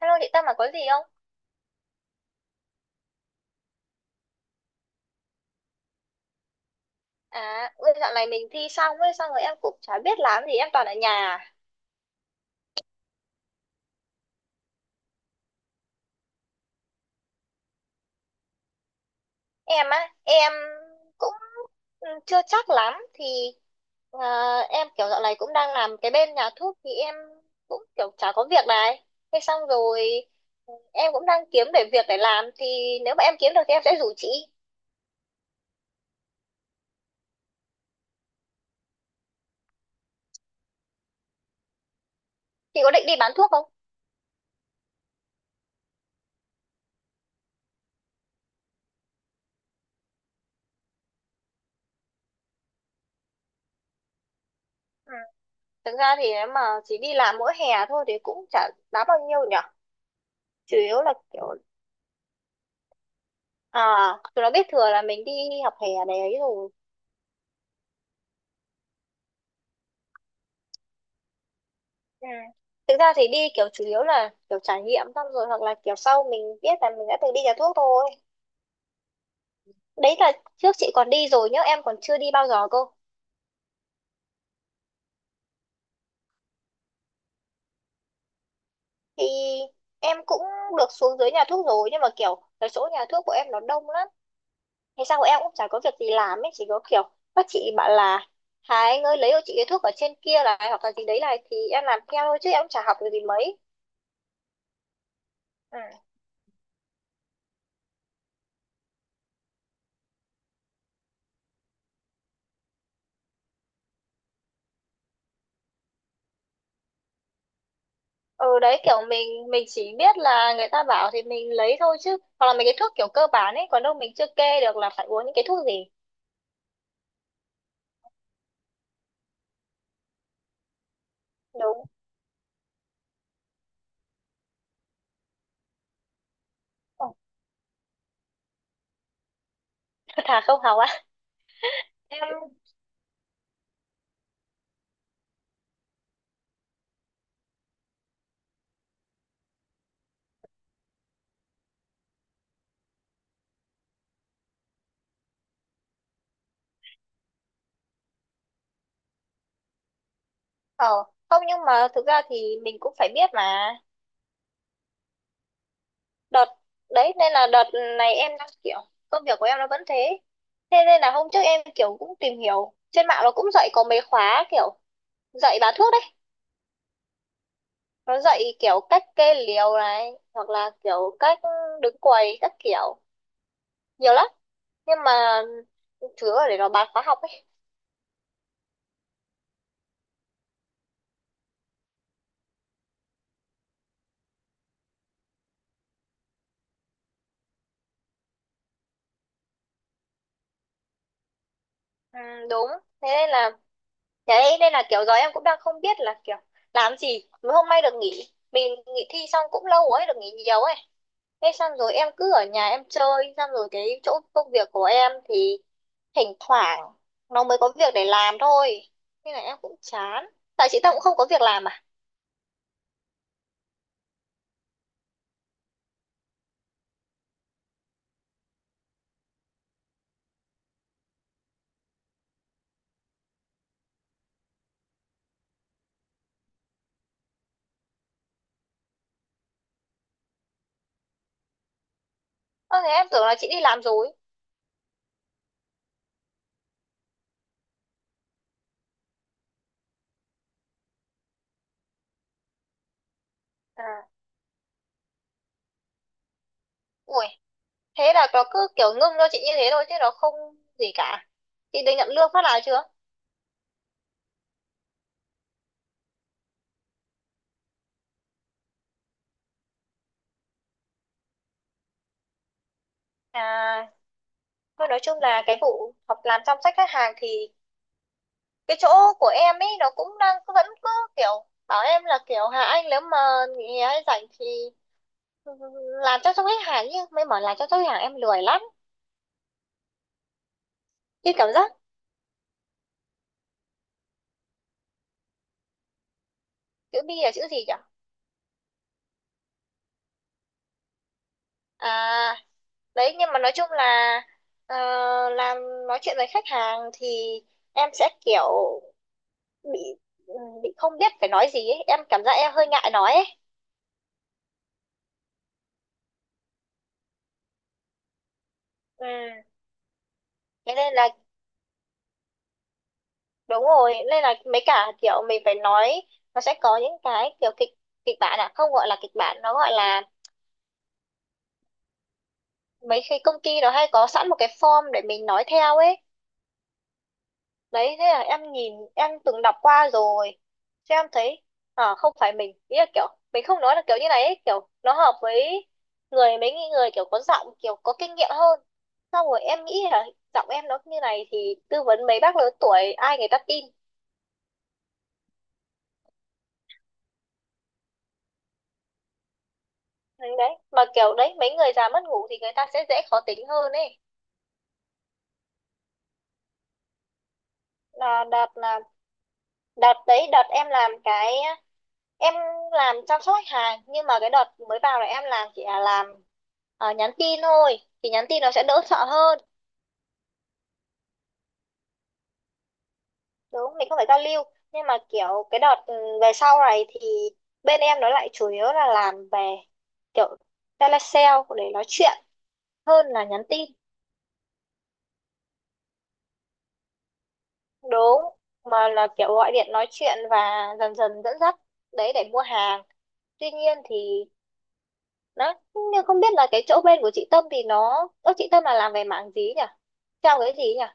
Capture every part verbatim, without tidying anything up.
Hello chị Tâm mà có gì không? À, ôi, dạo này mình thi xong ấy, xong rồi em cũng chả biết làm gì, em toàn ở nhà. Em á, em cũng ừ, chưa chắc lắm, thì ờ, em kiểu dạo này cũng đang làm cái bên nhà thuốc thì em cũng kiểu chả có việc này. Thế xong rồi ừ, em cũng đang kiếm để việc để làm, thì nếu mà em kiếm được thì em sẽ rủ chị. Chị có định đi bán thuốc không? Ừ. Thực ra thì nếu mà chỉ đi làm mỗi hè thôi thì cũng chả đáng bao nhiêu nhở. Chủ yếu là kiểu. À, Tụi nó biết thừa là mình đi học hè này ấy rồi. Ừ. Thực ra thì đi kiểu chủ yếu là kiểu trải nghiệm xong rồi hoặc là kiểu sau mình biết là mình đã từng đi nhà thuốc thôi. Đấy là trước chị còn đi rồi nhớ em còn chưa đi bao giờ cơ. Thì em cũng được xuống dưới nhà thuốc rồi nhưng mà kiểu cái chỗ nhà thuốc của em nó đông lắm. Thế sao em cũng chả có việc gì làm ấy, chỉ có kiểu các chị bảo là Hà Anh ơi lấy cho chị cái thuốc ở trên kia này hoặc là gì đấy này thì em làm theo thôi chứ em cũng chả học được gì mấy. Ừ, đấy kiểu mình mình chỉ biết là người ta bảo thì mình lấy thôi chứ hoặc là mấy cái thuốc kiểu cơ bản ấy còn đâu mình chưa kê được là phải uống những cái thuốc gì. Đúng. Ừ. Thà không học á. Em. ờ không nhưng mà thực ra thì mình cũng phải biết mà. Đợt. Đấy nên là đợt này em đang kiểu, công việc của em nó vẫn thế. Thế nên là hôm trước em kiểu cũng tìm hiểu trên mạng nó cũng dạy có mấy khóa kiểu dạy bán thuốc đấy. Nó dạy kiểu cách kê liều này hoặc là kiểu cách đứng quầy các kiểu nhiều lắm, nhưng mà thứ ở để nó bán khóa học ấy. Ừ, đúng. Thế nên là đấy nên là kiểu giờ em cũng đang không biết là kiểu làm gì. Mới hôm nay được nghỉ, mình nghỉ thi xong cũng lâu ấy, được nghỉ nhiều ấy. Thế xong rồi em cứ ở nhà em chơi, xong rồi cái chỗ công việc của em thì thỉnh thoảng nó mới có việc để làm thôi. Nên là em cũng chán. Tại chị ta cũng không có việc làm à? Ơ thế em tưởng là chị đi làm rồi. À ui, thế là nó cứ kiểu ngưng cho chị như thế thôi chứ nó không gì cả. Chị được nhận lương phát nào chưa? À, thôi nói chung là cái vụ học làm chăm sóc khách hàng thì cái chỗ của em ấy nó cũng đang cứ- vẫn cứ kiểu bảo em là kiểu Hà Anh nếu mà nghỉ hay rảnh thì làm chăm sóc khách hàng nhưng mới bảo làm chăm sóc khách hàng em lười lắm. Cái cảm giác. Chữ bi là chữ gì nhỉ? À, đấy nhưng mà nói chung là ờ, làm nói chuyện với khách hàng thì em sẽ kiểu bị, ừ, bị không biết phải nói gì ấy, em cảm giác em hơi ngại nói ấy. Ừ. Thế nên là đúng rồi nên là mấy cả kiểu mình phải nói. Nó sẽ có những cái kiểu kịch kịch bản, à không gọi là kịch bản, nó gọi là mấy khi công ty nó hay có sẵn một cái form để mình nói theo ấy. Đấy thế là em nhìn em từng đọc qua rồi. Thế em thấy à, không phải mình, ý là kiểu mình không nói là kiểu như này ấy, kiểu nó hợp với người mấy người kiểu có giọng kiểu có kinh nghiệm hơn. Xong rồi em nghĩ là giọng em nó như này thì tư vấn mấy bác lớn tuổi ai người ta tin? Ừ, đấy mà kiểu đấy mấy người già mất ngủ thì người ta sẽ dễ khó tính hơn ấy. Là đợt là đợt đấy đợt em làm cái em làm chăm sóc khách hàng, nhưng mà cái đợt mới vào này em làm chỉ là làm ờ, nhắn tin thôi. Thì nhắn tin nó sẽ đỡ sợ hơn. Đúng, mình không phải giao lưu. Nhưng mà kiểu cái đợt ừ, về sau này thì bên em nó lại chủ yếu là làm về kiểu telesale để nói chuyện hơn là nhắn tin. Đúng, mà là kiểu gọi điện nói chuyện và dần dần dẫn dắt đấy để mua hàng. Tuy nhiên thì đấy, nhưng không biết là cái chỗ bên của chị Tâm thì nó ơ chị Tâm là làm về mảng gì nhỉ? Theo cái gì nhỉ?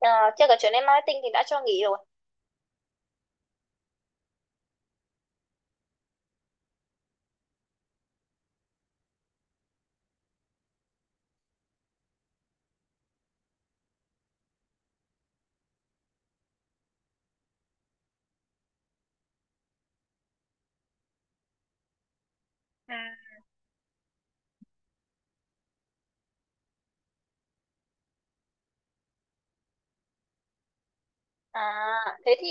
À, theo cái chuyện em marketing thì đã cho nghỉ rồi. À, à thế thì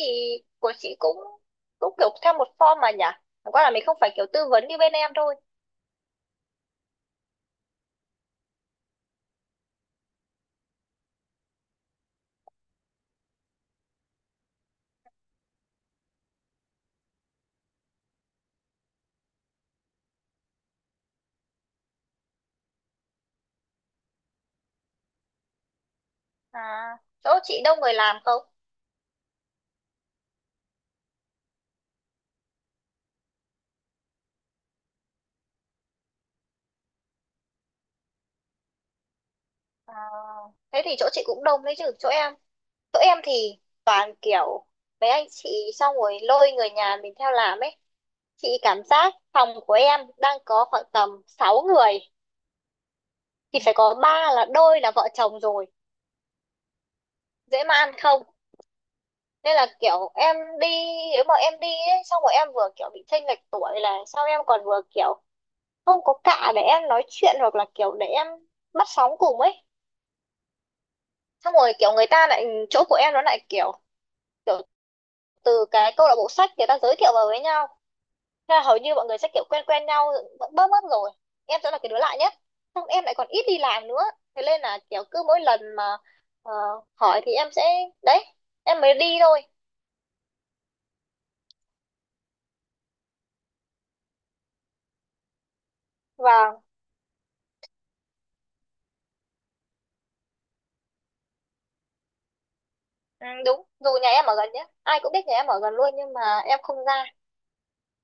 của chị cũng cũng kiểu theo một form mà nhỉ, chẳng qua là mình không phải kiểu tư vấn như bên em thôi. À chỗ chị đông người làm không? À, thế thì chỗ chị cũng đông đấy chứ chỗ em chỗ em thì toàn kiểu mấy anh chị xong rồi lôi người nhà mình theo làm ấy. Chị cảm giác phòng của em đang có khoảng tầm sáu người. Thì phải có ba là đôi là vợ chồng rồi. Dễ mà ăn không. Nên là kiểu em đi, nếu mà em đi ấy, xong rồi em vừa kiểu bị chênh lệch tuổi là sao em còn vừa kiểu không có cạ để em nói chuyện hoặc là kiểu để em bắt sóng cùng ấy. Xong rồi kiểu người ta lại chỗ của em nó lại kiểu, kiểu từ cái câu lạc bộ sách người ta giới thiệu vào với nhau. Thế là hầu như mọi người sẽ kiểu quen quen nhau bớm bớm rồi, em sẽ là cái đứa lạ nhất, xong em lại còn ít đi làm nữa. Thế nên là kiểu cứ mỗi lần mà ờ, hỏi thì em sẽ đấy em mới đi thôi. Và ừ, đúng dù nhà em ở gần nhé, ai cũng biết nhà em ở gần luôn nhưng mà em không ra.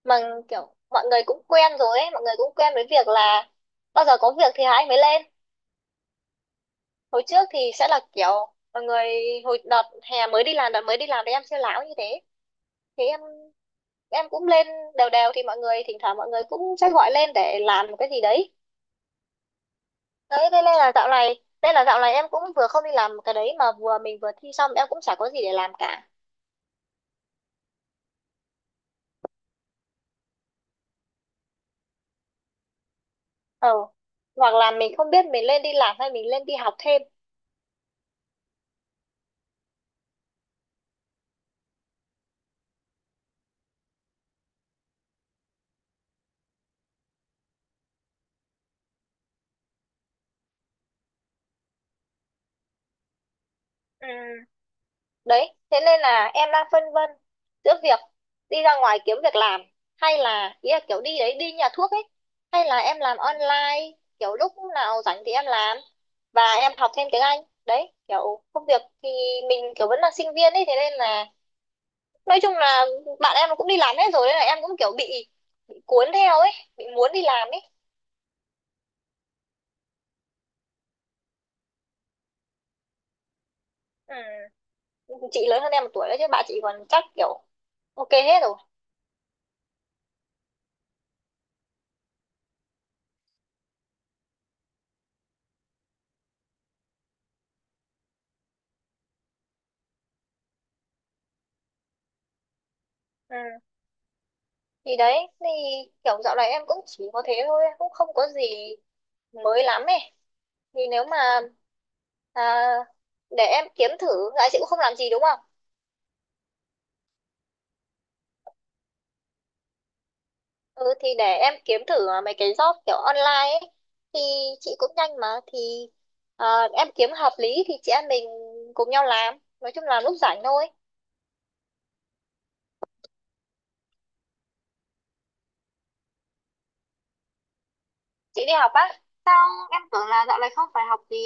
Mà kiểu mọi người cũng quen rồi ấy, mọi người cũng quen với việc là bao giờ có việc thì hai anh mới lên. Hồi trước thì sẽ là kiểu mọi người hồi đợt hè mới đi làm đợt mới đi làm thì em siêu láo như thế. Thì em em cũng lên đều đều thì mọi người thỉnh thoảng mọi người cũng sẽ gọi lên để làm một cái gì đấy. Đấy thế nên là dạo này nên là dạo này em cũng vừa không đi làm cái đấy mà vừa mình vừa thi xong em cũng chả có gì để làm cả. Ờ. Hoặc là mình không biết mình lên đi làm hay mình lên đi học thêm. Ừ. Đấy thế nên là em đang phân vân giữa việc đi ra ngoài kiếm việc làm, hay là ý là kiểu đi đấy đi nhà thuốc ấy, hay là em làm online kiểu lúc nào rảnh thì em làm và em học thêm tiếng Anh. Đấy kiểu công việc thì mình kiểu vẫn là sinh viên ấy, thế nên là nói chung là bạn em cũng đi làm hết rồi, nên là em cũng kiểu bị bị cuốn theo ấy, bị muốn đi làm ấy. Ừ. Chị lớn hơn em một tuổi đấy chứ bạn chị còn chắc kiểu ô kê hết rồi. Ừ. Thì đấy thì kiểu dạo này em cũng chỉ có thế thôi, cũng không có gì mới lắm ấy. Thì nếu mà à, để em kiếm thử. Dạ chị cũng không làm gì đúng không? Ừ thì để em kiếm thử mấy cái job kiểu online ấy. Thì chị cũng nhanh mà thì à, em kiếm hợp lý thì chị em mình cùng nhau làm, nói chung là lúc rảnh thôi. Chị đi học á? Sao em tưởng là dạo này không phải học gì.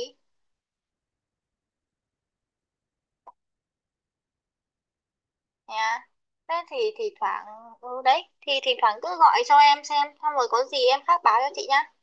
Nha. Thế thì thì thoảng ừ đấy thì thỉnh thoảng cứ gọi cho em xem xong rồi có gì em khác báo cho chị nha.